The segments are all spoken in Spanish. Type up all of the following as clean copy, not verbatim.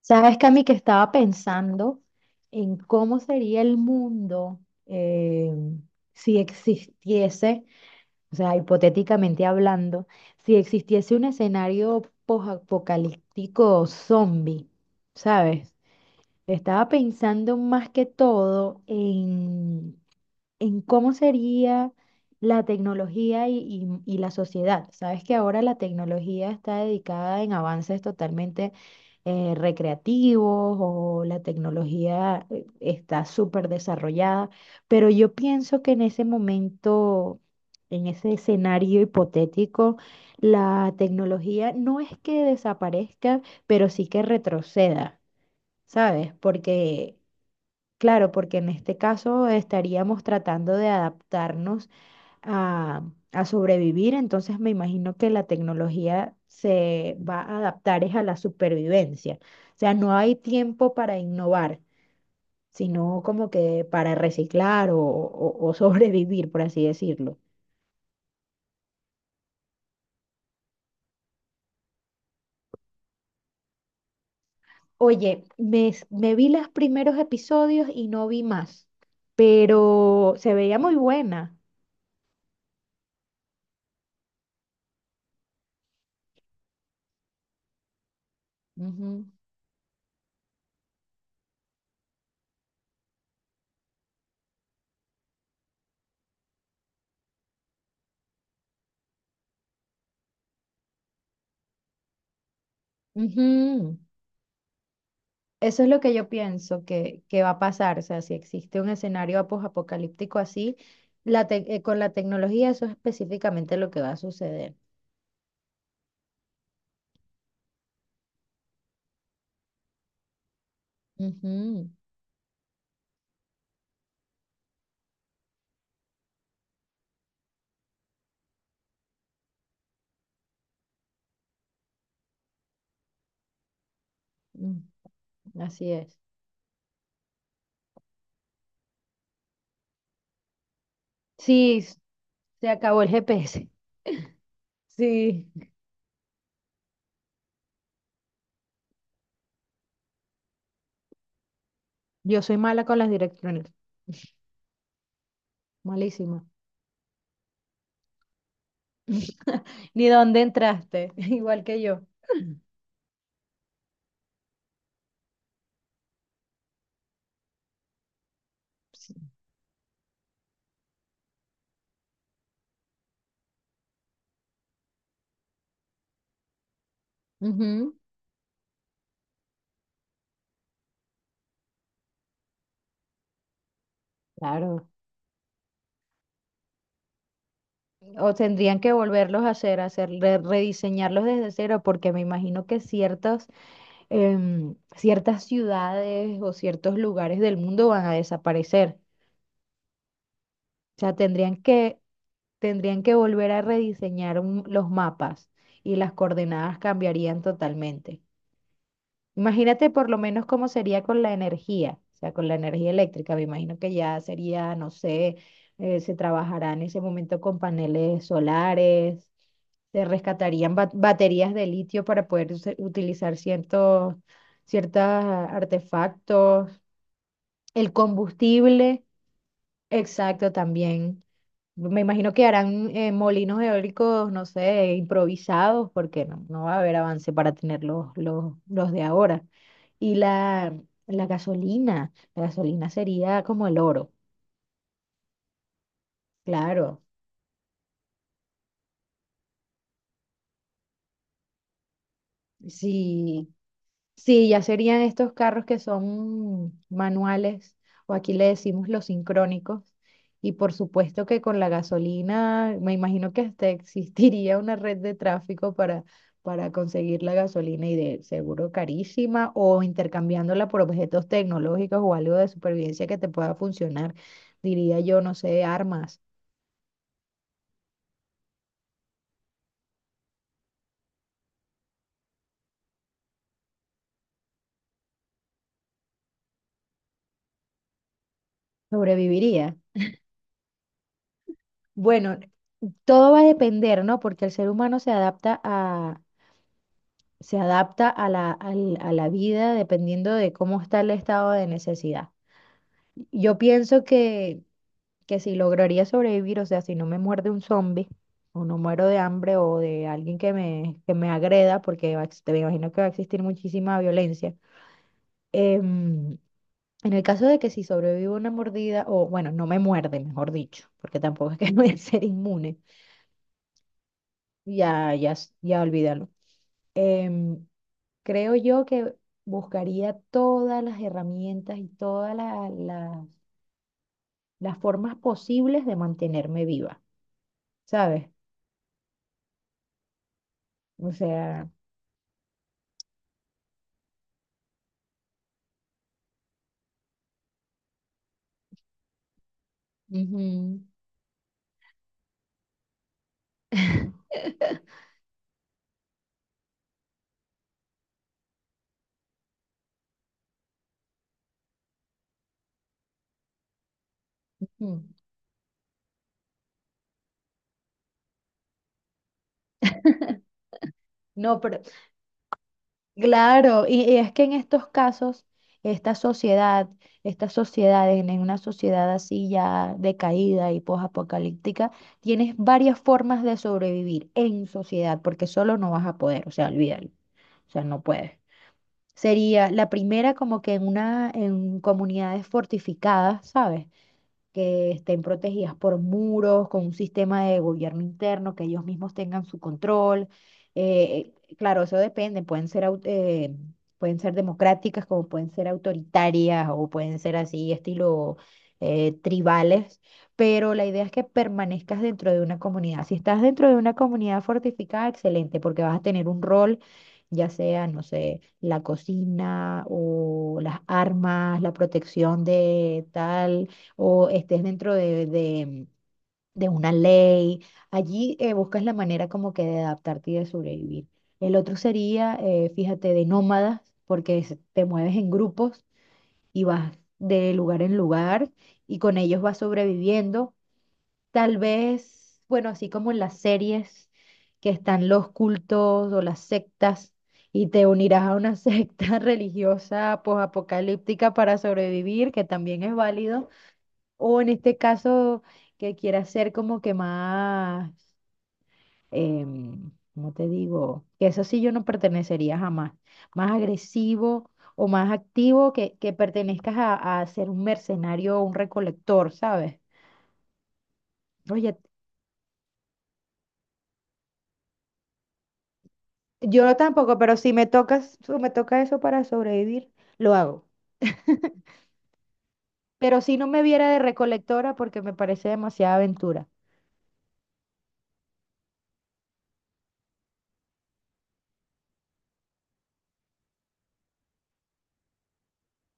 Sabes, Cami, que estaba pensando en cómo sería el mundo eh, si existiese, o sea, hipotéticamente hablando, si existiese un escenario posapocalíptico zombie, ¿sabes? Estaba pensando más que todo en cómo sería la tecnología y la sociedad. Sabes que ahora la tecnología está dedicada en avances totalmente recreativos o la tecnología está súper desarrollada, pero yo pienso que en ese momento, en ese escenario hipotético, la tecnología no es que desaparezca, pero sí que retroceda, ¿sabes? Claro, porque en este caso estaríamos tratando de adaptarnos a, a sobrevivir, entonces me imagino que la tecnología se va a adaptar es a la supervivencia. O sea, no hay tiempo para innovar, sino como que para reciclar o sobrevivir, por así decirlo. Oye, me vi los primeros episodios y no vi más, pero se veía muy buena. Ujú, ujú. Eso es lo que yo pienso que va a pasar. O sea, si existe un escenario apocalíptico así, con la tecnología, eso es específicamente lo que va a suceder. Ujú. mm, Así es. Sí, se acabó el GPS. Sí, yo soy mala con las direcciones. Malísima. Ni dónde entraste, igual que yo. Sí. Ujú, claro. O tendrían que volverlos a hacer, rediseñarlos desde cero, porque me imagino que ciertas ciudades o ciertos lugares del mundo van a desaparecer. O sea, tendrían que volver a rediseñar los mapas y las coordenadas cambiarían totalmente. Imagínate por lo menos cómo sería con la energía, o sea, con la energía eléctrica. Me imagino que ya sería, no sé, se trabajará en ese momento con paneles solares. Se rescatarían baterías de litio para poder utilizar ciertos artefactos. El combustible, exacto, también. Me imagino que harán molinos eólicos, no sé, improvisados, porque no va a haber avance para tener los de ahora. Y la gasolina sería como el oro, claro. Sí. Sí, ya serían estos carros que son manuales, o aquí le decimos los sincrónicos. Y por supuesto que con la gasolina, me imagino que hasta existiría una red de tráfico para conseguir la gasolina y de seguro carísima, o intercambiándola por objetos tecnológicos o algo de supervivencia que te pueda funcionar, diría yo, no sé, armas. Sobreviviría. Bueno, todo va a depender, ¿no? Porque el ser humano se adapta a la vida dependiendo de cómo está el estado de necesidad. Yo pienso que si lograría sobrevivir, o sea, si no me muerde un zombie, o no muero de hambre o de alguien que me agreda, porque me imagino que va a existir muchísima violencia. em, en el caso de que si sobrevivo a una mordida, o bueno, no me muerde, mejor dicho, porque tampoco es que voy a ser inmune, ya olvídalo. Em, Creo yo que buscaría todas las herramientas y todas las formas posibles de mantenerme viva, ¿sabes? O sea, ujú. Mm. No, pero claro, y es que en estos casos, esta sociedad, estas sociedades, en una sociedad así ya decaída y posapocalíptica, tienes varias formas de sobrevivir en sociedad, porque solo no vas a poder, o sea, olvídalo, o sea, no puedes. Sería la primera como que en comunidades fortificadas, ¿sabes? Que estén protegidas por muros, con un sistema de gobierno interno, que ellos mismos tengan su control. Claro, eso depende, pueden ser democráticas como pueden ser autoritarias o pueden ser así, estilo tribales, pero la idea es que permanezcas dentro de una comunidad. Si estás dentro de una comunidad fortificada, excelente, porque vas a tener un rol. Ya sea, no sé, la cocina o las armas, la protección de tal, o estés dentro de una ley. Allí buscas la manera como que de adaptarte y de sobrevivir. El otro sería, fíjate, de nómadas, porque te mueves en grupos y vas de lugar en lugar y con ellos vas sobreviviendo. Tal vez, bueno, así como en las series que están los cultos o las sectas y te unirás a una secta religiosa posapocalíptica para sobrevivir, que también es válido. O en este caso, que quiera ser como que más, ¿cómo te digo? Que eso sí yo no pertenecería jamás. Más agresivo o más activo que pertenezcas a ser un mercenario o un recolector, ¿sabes? Oye, yo no tampoco, pero si me toca eso para sobrevivir, lo hago. Pero si no me viera de recolectora porque me parece demasiada aventura.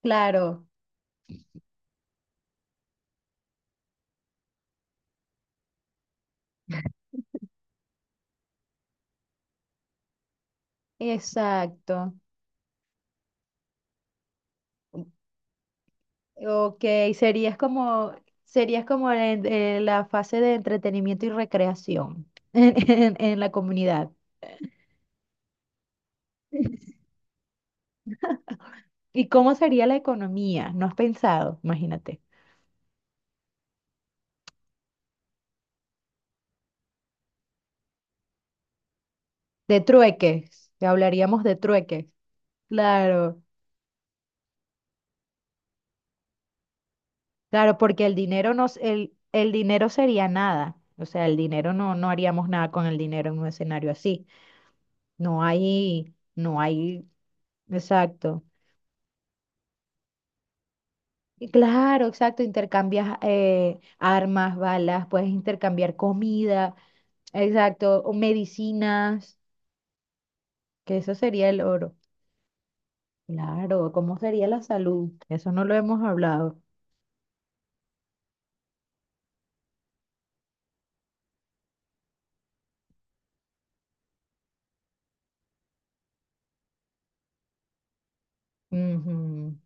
Claro, exacto. Ok, serías como, serías como en, la fase de entretenimiento y recreación en la comunidad. ¿Y cómo sería la economía? ¿No has pensado? Imagínate. De trueques, ya hablaríamos de trueques. Claro, claro, porque el dinero no, el dinero sería nada. O sea, el dinero no haríamos nada con el dinero en un escenario así. No hay, no hay, exacto. Y claro, exacto, intercambias armas, balas, puedes intercambiar comida, exacto, o medicinas, que eso sería el oro. Claro, ¿cómo sería la salud? Eso no lo hemos hablado. Ujú.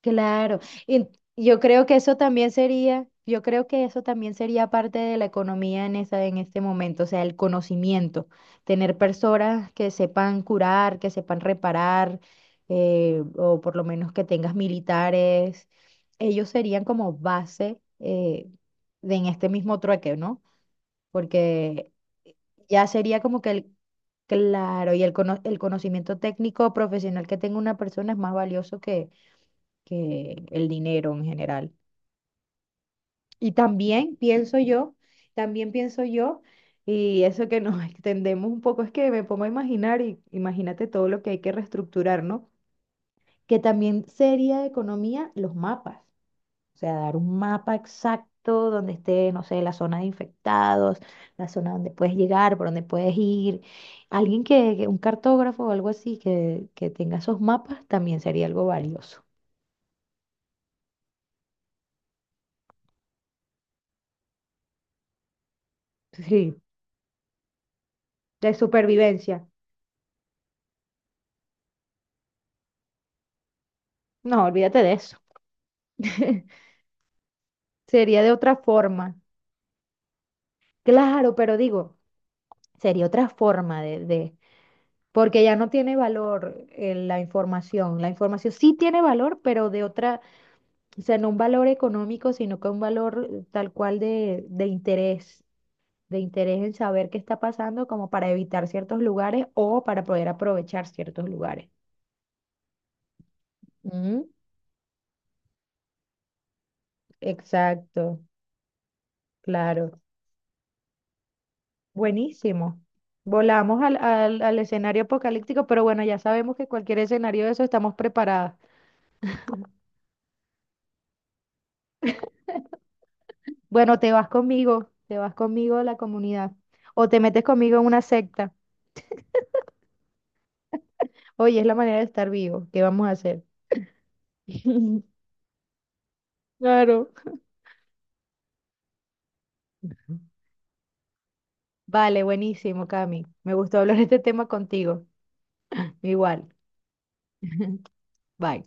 Claro, y yo creo que eso también sería parte de la economía en esa, en este momento, o sea, el conocimiento, tener personas que sepan curar, que sepan reparar, o por lo menos que tengas militares, ellos serían como base de en este mismo trueque, ¿no? Porque ya sería como que claro, y el conocimiento técnico profesional que tenga una persona es más valioso que el dinero en general. Y también pienso yo, y eso que nos extendemos un poco es que me pongo a imaginar, y imagínate todo lo que hay que reestructurar, ¿no? Que también sería de economía los mapas, o sea, dar un mapa exacto donde esté, no sé, la zona de infectados, la zona donde puedes llegar, por donde puedes ir. Alguien un cartógrafo o algo así que tenga esos mapas también sería algo valioso. Sí, de supervivencia. No, olvídate de eso. Sería de otra forma. Claro, pero digo, sería otra forma porque ya no tiene valor la información. La información sí tiene valor, pero de otra, o sea, no un valor económico, sino que un valor tal cual de interés en saber qué está pasando como para evitar ciertos lugares o para poder aprovechar ciertos lugares. Mm. Exacto, claro. Buenísimo. Volamos al escenario apocalíptico, pero bueno, ya sabemos que cualquier escenario de eso estamos preparadas. Bueno, te vas conmigo a la comunidad o te metes conmigo en una secta. Oye, es la manera de estar vivo. ¿Qué vamos a hacer? Claro. Vale, buenísimo, Cami. Me gustó hablar de este tema contigo. Igual. Bye.